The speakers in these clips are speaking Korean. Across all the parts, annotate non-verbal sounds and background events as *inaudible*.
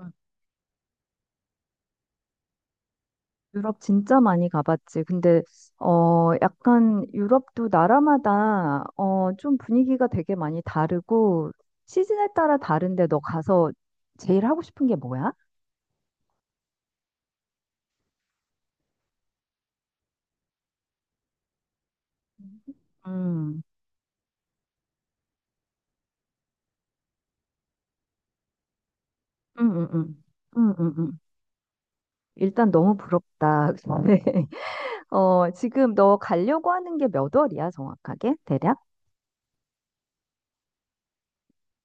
음. 유럽 진짜 많이 가봤지. 근데, 약간 유럽도 나라마다, 좀 분위기가 되게 많이 다르고, 시즌에 따라 다른데 너 가서 제일 하고 싶은 게 뭐야? 음, 음, 음, 음, 음. 일단 너무 부럽다. *laughs* 근데, 지금 너 가려고 하는 게 몇 월이야, 정확하게? 대략?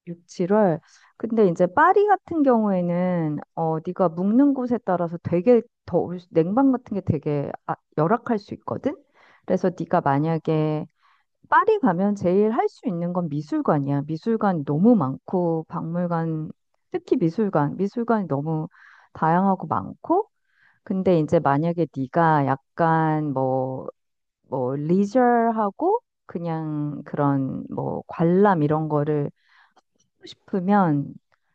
6, 7월. 근데 이제 파리 같은 경우에는 네가 묵는 곳에 따라서 되게 더 냉방 같은 게 되게 열악할 수 있거든. 그래서 네가 만약에 파리 가면 제일 할 수 있는 건 미술관이야. 미술관이 너무 많고 박물관 특히 미술관이 너무 다양하고 많고 근데 이제 만약에 네가 약간 뭐 리저하고 그냥 그런 뭐 관람 이런 거를 싶으면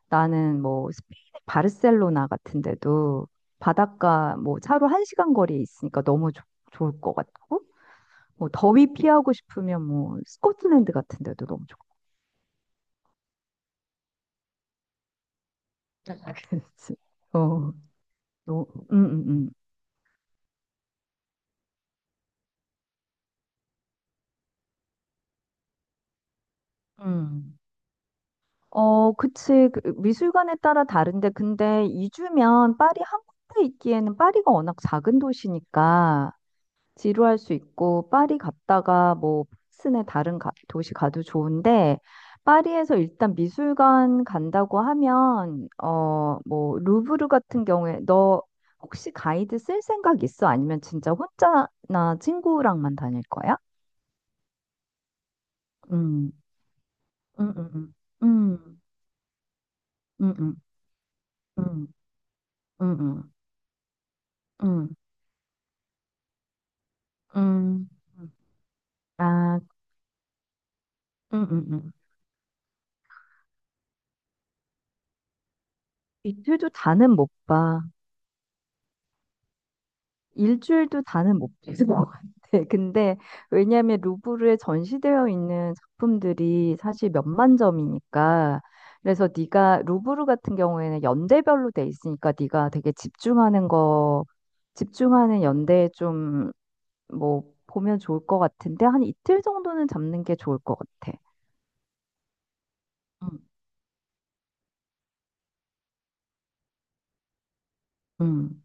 나는 뭐 스페인의 바르셀로나 같은 데도 바닷가 뭐 차로 1시간 거리에 있으니까 너무 좋을 것 같고 뭐 더위 피하고 싶으면 뭐 스코틀랜드 같은 데도 너무 좋고 *laughs* 그랬지. 어, 너, 음, 음, 음. 음. 어, 그치. 그 미술관에 따라 다른데 근데 2주면 파리 한 군데 있기에는 파리가 워낙 작은 도시니까 지루할 수 있고 파리 갔다가 뭐 프랑스네 다른 도시 가도 좋은데 파리에서 일단 미술관 간다고 하면 뭐 루브르 같은 경우에 너 혹시 가이드 쓸 생각 있어? 아니면 진짜 혼자나 친구랑만 다닐 거야? 음. 음, 음, 음. 음, 음, 음, 음, 음, 음, 음. 음. 아, 음, 음, 음. 이틀도 다는 못 봐. 일주일도 다는 못 봤을 것 같아. *laughs* 근데 왜냐하면 루브르에 전시되어 있는 작품들이 사실 몇만 점이니까 그래서 네가 루브르 같은 경우에는 연대별로 돼 있으니까 네가 되게 집중하는 거 집중하는 연대에 좀 뭐 보면 좋을 것 같은데 한 이틀 정도는 잡는 게 좋을 것 같아. 음. 음.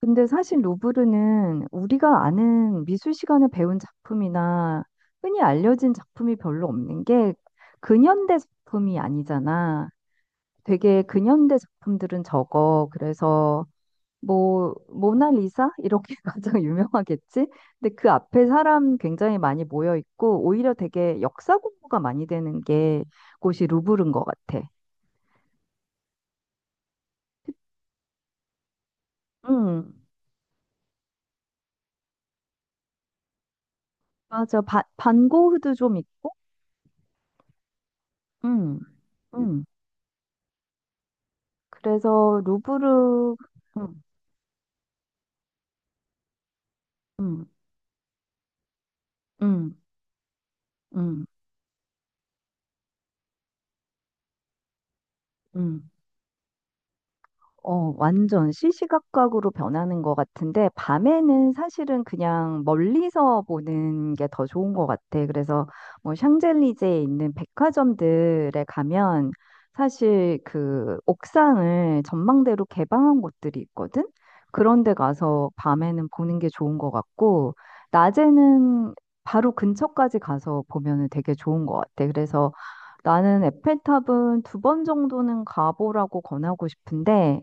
근데 사실 루브르는 우리가 아는 미술 시간에 배운 작품이나 흔히 알려진 작품이 별로 없는 게 근현대 작품이 아니잖아. 되게 근현대 작품들은 적어. 그래서 뭐 모나리사 이렇게 *laughs* 가장 유명하겠지? 근데 그 앞에 사람 굉장히 많이 모여 있고 오히려 되게 역사 공부가 많이 되는 게 곳이 루브르인 것 같아. 음, 맞아. 반 고흐도 좀 있고. 음, 음. 그래서 루브르 음, 음, 음, 음, 음. 완전 시시각각으로 변하는 것 같은데, 밤에는 사실은 그냥 멀리서 보는 게 더 좋은 것 같아. 그래서 뭐 샹젤리제에 있는 백화점들에 가면 사실 그 옥상을 전망대로 개방한 곳들이 있거든? 그런 데 가서 밤에는 보는 게 좋은 것 같고, 낮에는 바로 근처까지 가서 보면은 되게 좋은 것 같아. 그래서 나는 에펠탑은 2번 정도는 가보라고 권하고 싶은데,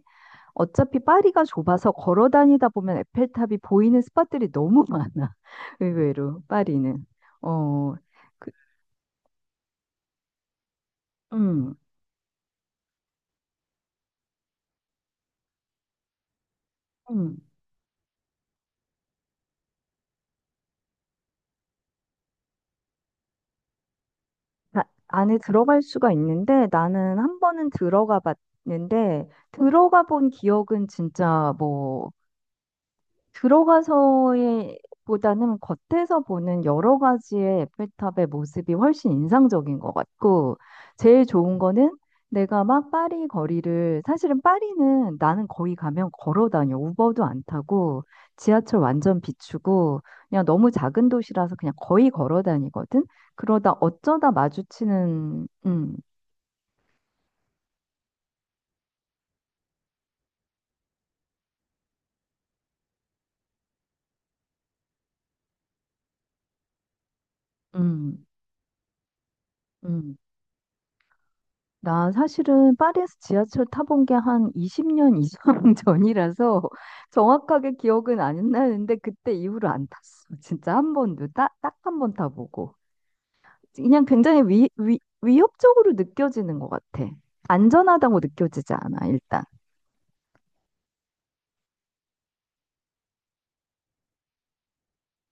어차피 파리가 좁아서 걸어 다니다 보면 에펠탑이 보이는 스팟들이 너무 많아. *laughs* 의외로 파리는. 어, 그, 음, 음. 안에 들어갈 수가 있는데 나는 한 번은 들어가 봤는데 들어가 본 기억은 진짜 뭐 들어가서의 보다는 겉에서 보는 여러 가지의 에펠탑의 모습이 훨씬 인상적인 것 같고, 제일 좋은 거는 내가 막 파리 거리를, 사실은 파리는 나는 거기 가면 걸어 다녀. 우버도 안 타고, 지하철 완전 비추고, 그냥 너무 작은 도시라서 그냥 거의 걸어 다니거든? 그러다 어쩌다 마주치는, 음, 음. 나 사실은 파리에서 지하철 타본 게 한 20년 이상 *laughs* 전이라서 정확하게 기억은 안 나는데 그때 이후로 안 탔어. 진짜 한 번도 딱 한 번 타보고. 그냥 굉장히 위협적으로 느껴지는 것 같아. 안전하다고 느껴지지 않아, 일단.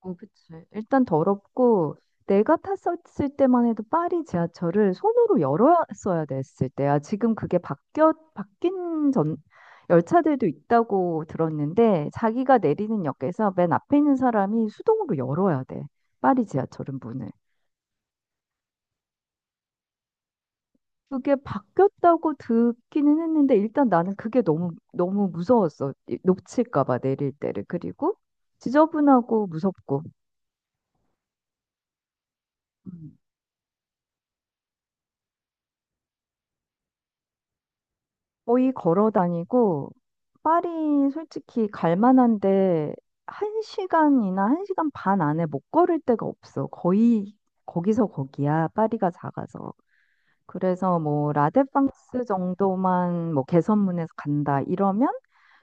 어, 그치. 일단 더럽고, 내가 탔었을 때만 해도 파리 지하철을 손으로 열었어야 됐을 때야. 지금 그게 바뀐 전, 열차들도 있다고 들었는데, 자기가 내리는 역에서 맨 앞에 있는 사람이 수동으로 열어야 돼. 파리 지하철은 문을. 그게 바뀌었다고 듣기는 했는데, 일단 나는 그게 너무, 너무 무서웠어. 놓칠까 봐, 내릴 때를. 그리고 지저분하고 무섭고. 음. 거의 걸어 다니고, 파리 솔직히 갈 만한데, 한 시간이나 한 시간 반 안에 못 걸을 데가 없어. 거의 거기서 거기야, 파리가 작아서. 그래서 뭐, 라데팡스 정도만 뭐, 개선문에서 간다, 이러면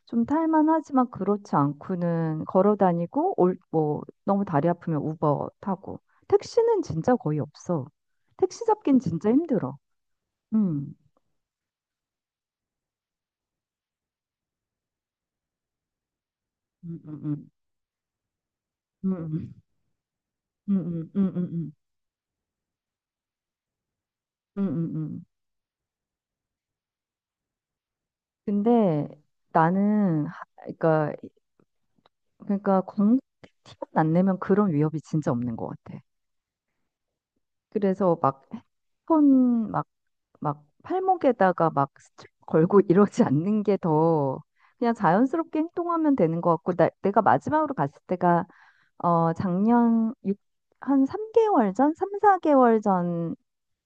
좀 탈만하지만 그렇지 않고는 걸어 다니고, 뭐, 너무 다리 아프면 우버 타고. 택시는 진짜 거의 없어. 택시 잡긴 진짜 힘들어. 음. 음, 음, 음. 음. 음, 음, 음, 음, 음, 음, 음. 근데 나는 그러니까 광 티만 안 내면 그런 위협이 진짜 없는 것 같아. 그래서 막 핸드폰 막 팔목에다가 막 스트랩 걸고 *laughs* 이러지 않는 게 더 그냥 자연스럽게 행동하면 되는 것 같고 내가 마지막으로 갔을 때가 작년 육한 3개월 전, 3, 4개월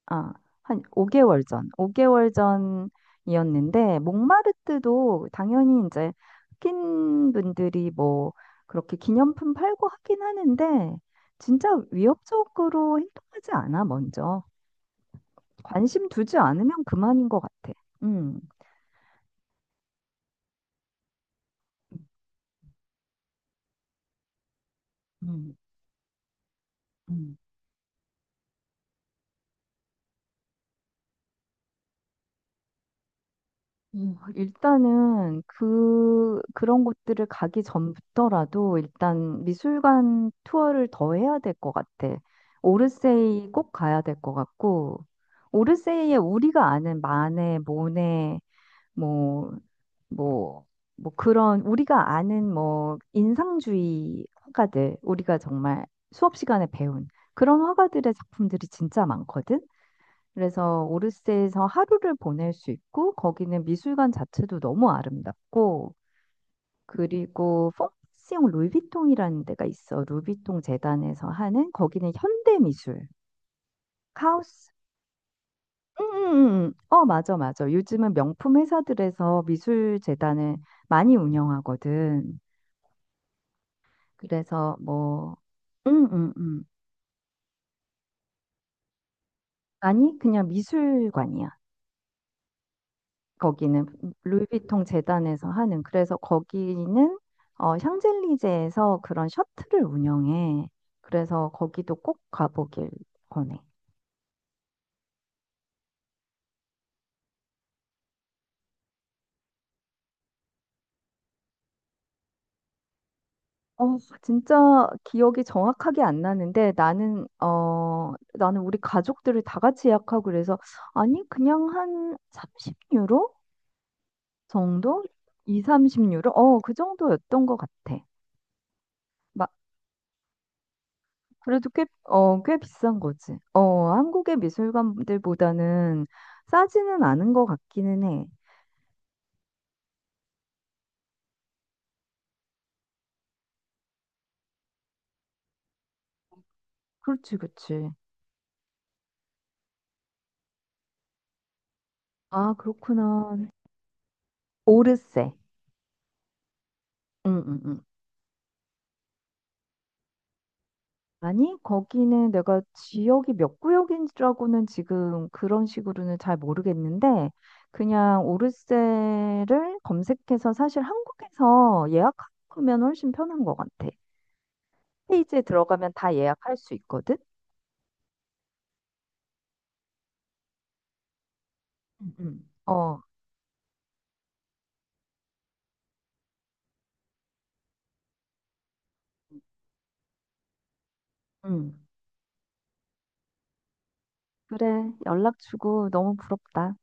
아, 한 5개월 전, 5개월 전이었는데, 몽마르트도 당연히 이제 흑인 분들이 뭐 그렇게 기념품 팔고 하긴 하는데, 진짜 위협적으로 행동하지 않아, 먼저. 관심 두지 않으면 그만인 것 같아. 음, 음, 음. 일단은 그런 곳들을 가기 전부터라도 일단 미술관 투어를 더 해야 될 것 같아. 오르세이 꼭 가야 될 것 같고 오르세이에 우리가 아는 마네, 모네 뭐 뭐 뭐 그런 우리가 아는 뭐 인상주의 화가들 우리가 정말 수업 시간에 배운 그런 화가들의 작품들이 진짜 많거든. 그래서 오르세에서 하루를 보낼 수 있고 거기는 미술관 자체도 너무 아름답고 그리고 퐁시옹 루이비통이라는 데가 있어. 루비통 재단에서 하는 거기는 현대 미술, 카오스. 음. 어, 맞아, 맞아. 요즘은 명품 회사들에서 미술 재단을 많이 운영하거든. 그래서 뭐, 음, 음, 음. 아니, 그냥 미술관이야. 거기는 루이비통 재단에서 하는 그래서 거기는 샹젤리제에서 그런 셔틀을 운영해. 그래서 거기도 꼭 가보길 권해. 어, 진짜 기억이 정확하게 안 나는데 나는 우리 가족들을 다 같이 예약하고 그래서 아니 그냥 한 30유로 정도? 2, 30유로? 그 정도였던 것 같아. 그래도 꽤, 비싼 거지. 한국의 미술관들보다는 싸지는 않은 것 같기는 해. 그렇지, 그렇지. 아, 그렇구나. 오르세. 응, 응, 응. 아니, 거기는 내가 지역이 몇 구역인지라고는 지금 그런 식으로는 잘 모르겠는데, 그냥 오르세를 검색해서 사실 한국에서 예약하면 훨씬 편한 것 같아. 페이지에 들어가면 다 예약할 수 있거든? 응응 어, 응. 그래, 연락 주고 너무 부럽다.